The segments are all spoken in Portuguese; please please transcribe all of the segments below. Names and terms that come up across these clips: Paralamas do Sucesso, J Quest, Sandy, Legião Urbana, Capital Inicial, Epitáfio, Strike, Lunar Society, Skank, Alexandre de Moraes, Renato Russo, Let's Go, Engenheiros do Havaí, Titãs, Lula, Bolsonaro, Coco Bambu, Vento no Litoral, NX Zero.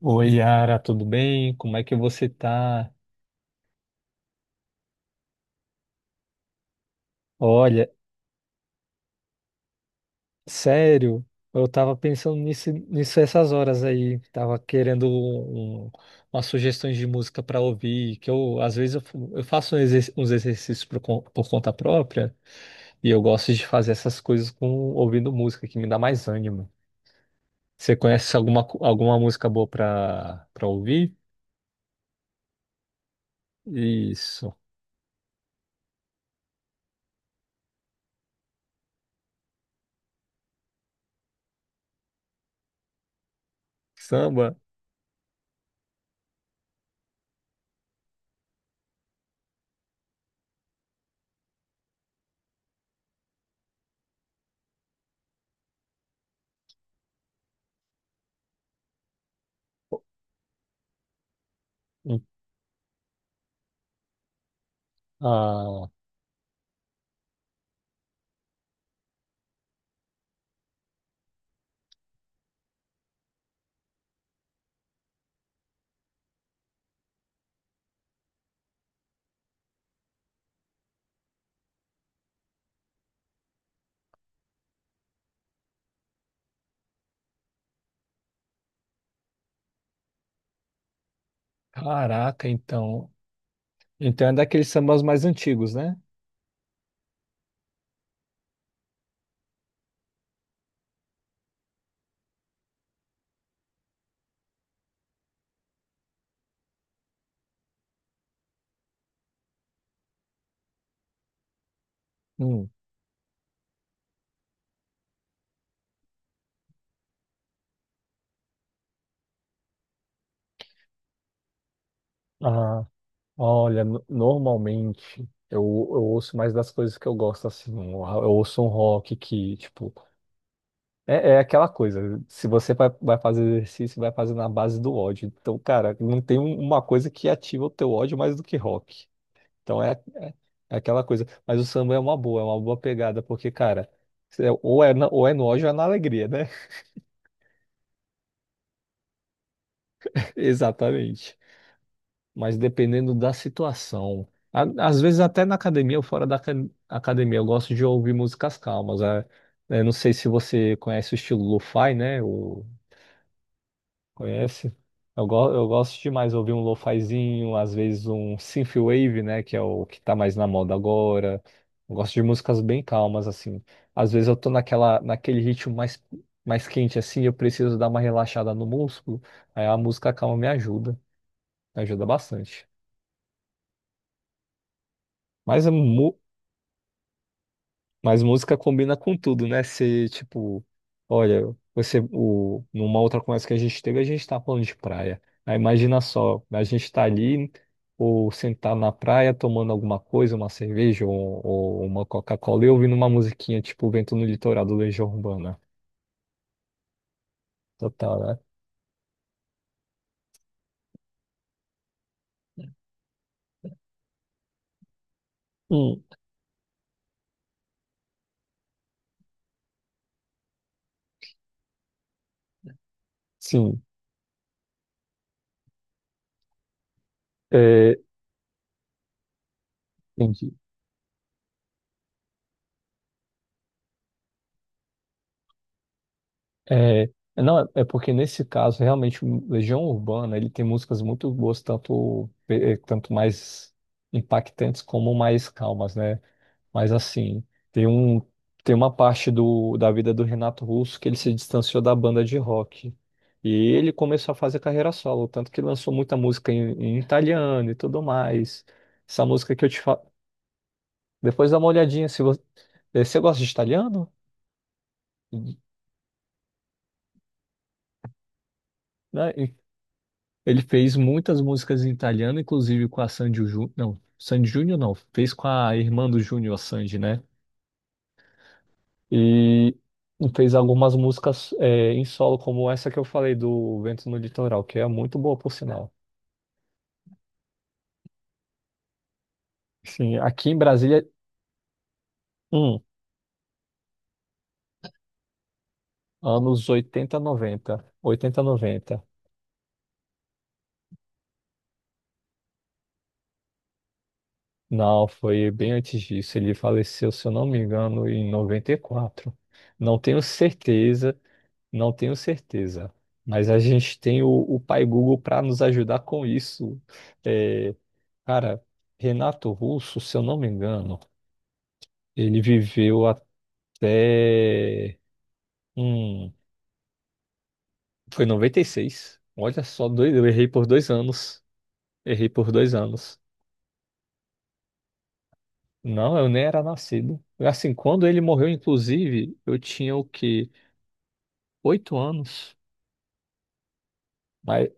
Oi, Yara, tudo bem? Como é que você tá? Olha, sério, eu tava pensando nisso essas horas aí. Tava querendo umas sugestões de música para ouvir, que eu, às vezes, eu faço uns exercícios por conta própria e eu gosto de fazer essas coisas com ouvindo música, que me dá mais ânimo. Você conhece alguma música boa para ouvir? Isso, samba. Hum. Ah, caraca, então. Então é daqueles sambas mais antigos, né? Hum. Ah, olha, normalmente eu, eu ouço mais das coisas que eu gosto, assim. Eu ouço um rock que, tipo, é aquela coisa. Se você vai fazer exercício, vai fazer na base do ódio. Então, cara, não tem uma coisa que ativa o teu ódio mais do que rock. Então é aquela coisa. Mas o samba é uma boa pegada, porque, cara, ou é nojo ou é na alegria, né? Exatamente. Mas dependendo da situação. Às vezes até na academia ou fora da academia, eu gosto de ouvir músicas calmas. É, não sei se você conhece o estilo lo-fi, né? Conhece? Eu gosto demais ouvir um lo-fizinho, às vezes um synthwave, né, que é o que tá mais na moda agora. Eu gosto de músicas bem calmas assim. Às vezes eu tô naquela naquele ritmo mais quente assim, eu preciso dar uma relaxada no músculo, aí a música calma me ajuda bastante. Mas é mu- Mas música combina com tudo, né? Se, tipo, olha, você, numa outra conversa que a gente teve, a gente tá falando de praia. Aí imagina só, a gente tá ali, ou sentar na praia, tomando alguma coisa, uma cerveja ou uma Coca-Cola, e ouvindo uma musiquinha, tipo, Vento no Litoral, do Legião Urbana. Total, né? Hum, sim, é, entendi. É, não, é porque nesse caso, realmente, o Legião Urbana, ele tem músicas muito boas, tanto mais impactantes como mais calmas, né? Mas assim, tem um, tem uma parte do, da vida do Renato Russo que ele se distanciou da banda de rock. E ele começou a fazer carreira solo, tanto que lançou muita música em italiano e tudo mais. Essa música que eu te falo. Depois dá uma olhadinha, se você, eh, você gosta de italiano? Né? Ele fez muitas músicas em italiano, inclusive com a Sandy Júnior. Não, Sandy Júnior não. Fez com a irmã do Júnior, a Sandy, né? E fez algumas músicas é, em solo, como essa que eu falei do Vento no Litoral, que é muito boa, por sinal. Sim, aqui em Brasília. hum, Anos oitenta noventa, oitenta noventa. Não, foi bem antes disso. Ele faleceu, se eu não me engano, em 94. Não tenho certeza. Não tenho certeza, mas a gente tem o Pai Google para nos ajudar com isso. É, cara, Renato Russo, se eu não me engano, ele viveu até. Hum, foi noventa e seis. Olha só, dois, eu errei por 2 anos. Errei por dois anos. Não, eu nem era nascido. Assim, quando ele morreu, inclusive, eu tinha o quê? 8 anos. Mas,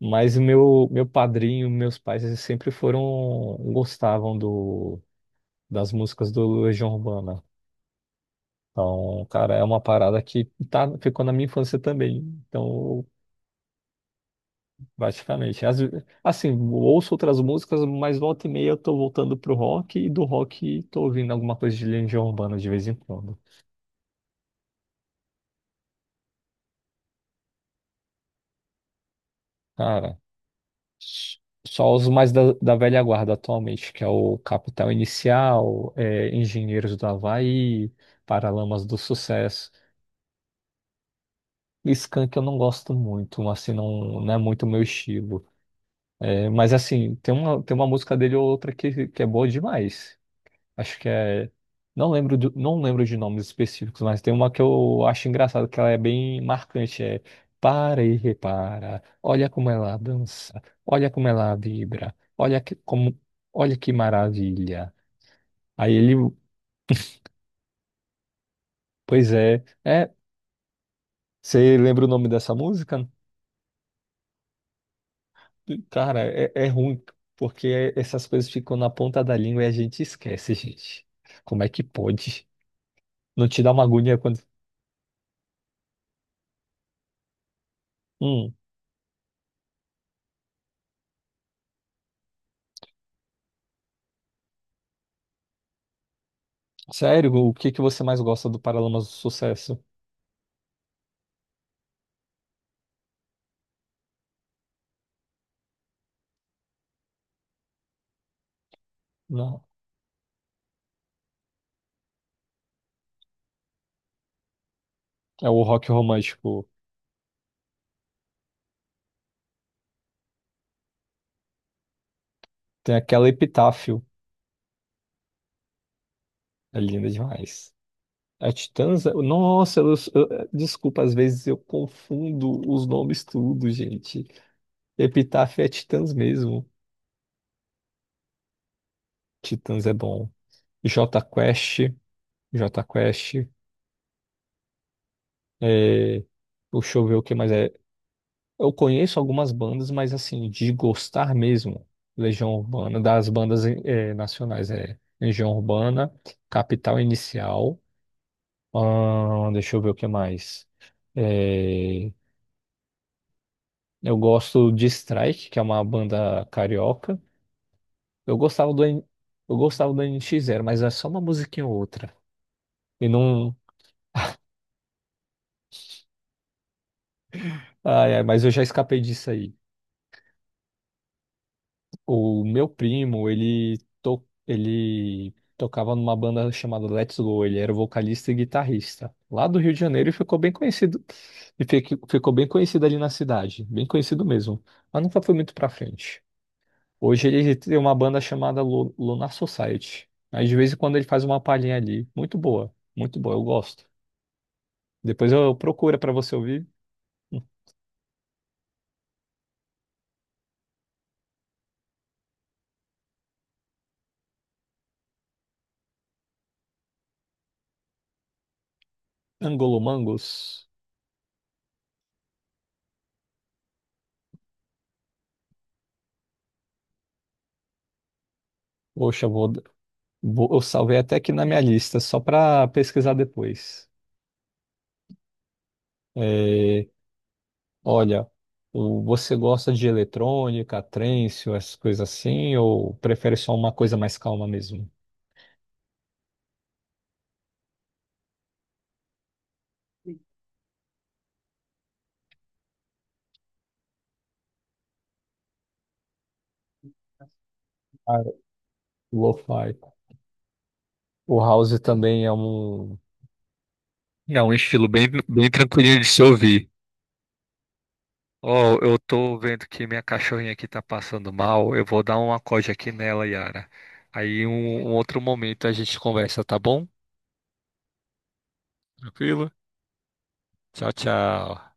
mas meu, meu padrinho, meus pais, eles sempre foram, gostavam do das músicas do Legião Urbana. Então, cara, é uma parada que tá, ficou na minha infância também. Então, basicamente, assim, ouço outras músicas, mas volta e meia eu tô voltando pro rock e do rock tô ouvindo alguma coisa de Legião Urbana de vez em quando. Cara, s- só os mais da, da velha guarda atualmente, que é o Capital Inicial, é, Engenheiros do Havaí, Paralamas do Sucesso. Skank eu não gosto muito, assim, não, não é muito o meu estilo. É, mas assim, tem uma música dele ou outra que é boa demais. Acho que é. Não lembro, não lembro de nomes específicos, mas tem uma que eu acho engraçada, que ela é bem marcante. É Para e repara, olha como ela dança, olha como ela vibra, olha que, como, olha que maravilha. Aí ele, pois é, é, você lembra o nome dessa música? Cara, é ruim, porque essas coisas ficam na ponta da língua e a gente esquece, gente. Como é que pode? Não te dá uma agonia quando. Hum, sério, o que que você mais gosta do Paralamas do Sucesso? Não. É o rock romântico. Tem aquela Epitáfio. É linda demais. A Titãs? Nossa, desculpa, às vezes eu confundo os nomes tudo, gente. Epitáfio é Titãs mesmo. Titãs é bom. J Quest, J Quest. É... Deixa eu ver o que mais é. Eu conheço algumas bandas, mas assim, de gostar mesmo, Legião Urbana, das bandas nacionais, é Legião Urbana, Capital Inicial, deixa eu ver o que mais. Eh, eu gosto de Strike, que é uma banda carioca. Eu gostava do, N- eu gostava do NX Zero, mas é só uma musiquinha ou outra. E não. Ai, ai, mas eu já escapei disso aí. O meu primo, ele tocava numa banda chamada Let's Go. Ele era o vocalista e guitarrista. Lá do Rio de Janeiro e ficou bem conhecido. E ficou bem conhecido ali na cidade. Bem conhecido mesmo. Mas nunca foi muito pra frente. Hoje ele tem uma banda chamada Lunar Society. Aí de vez em quando ele faz uma palhinha ali. Muito boa. Muito boa. Eu gosto. Depois eu procuro pra você ouvir. Angolomangos. Poxa, eu salvei até aqui na minha lista, só pra pesquisar depois. É, olha, você gosta de eletrônica, trance, ou essas coisas assim, ou prefere só uma coisa mais calma mesmo? Ah, Lo-fi. O house também é um. É um estilo bem, bem tranquilinho de se ouvir. Ó, eu tô vendo que minha cachorrinha aqui tá passando mal. Eu vou dar um acorde aqui nela, Yara. Aí um outro momento a gente conversa, tá bom? Tranquilo? Tchau, tchau.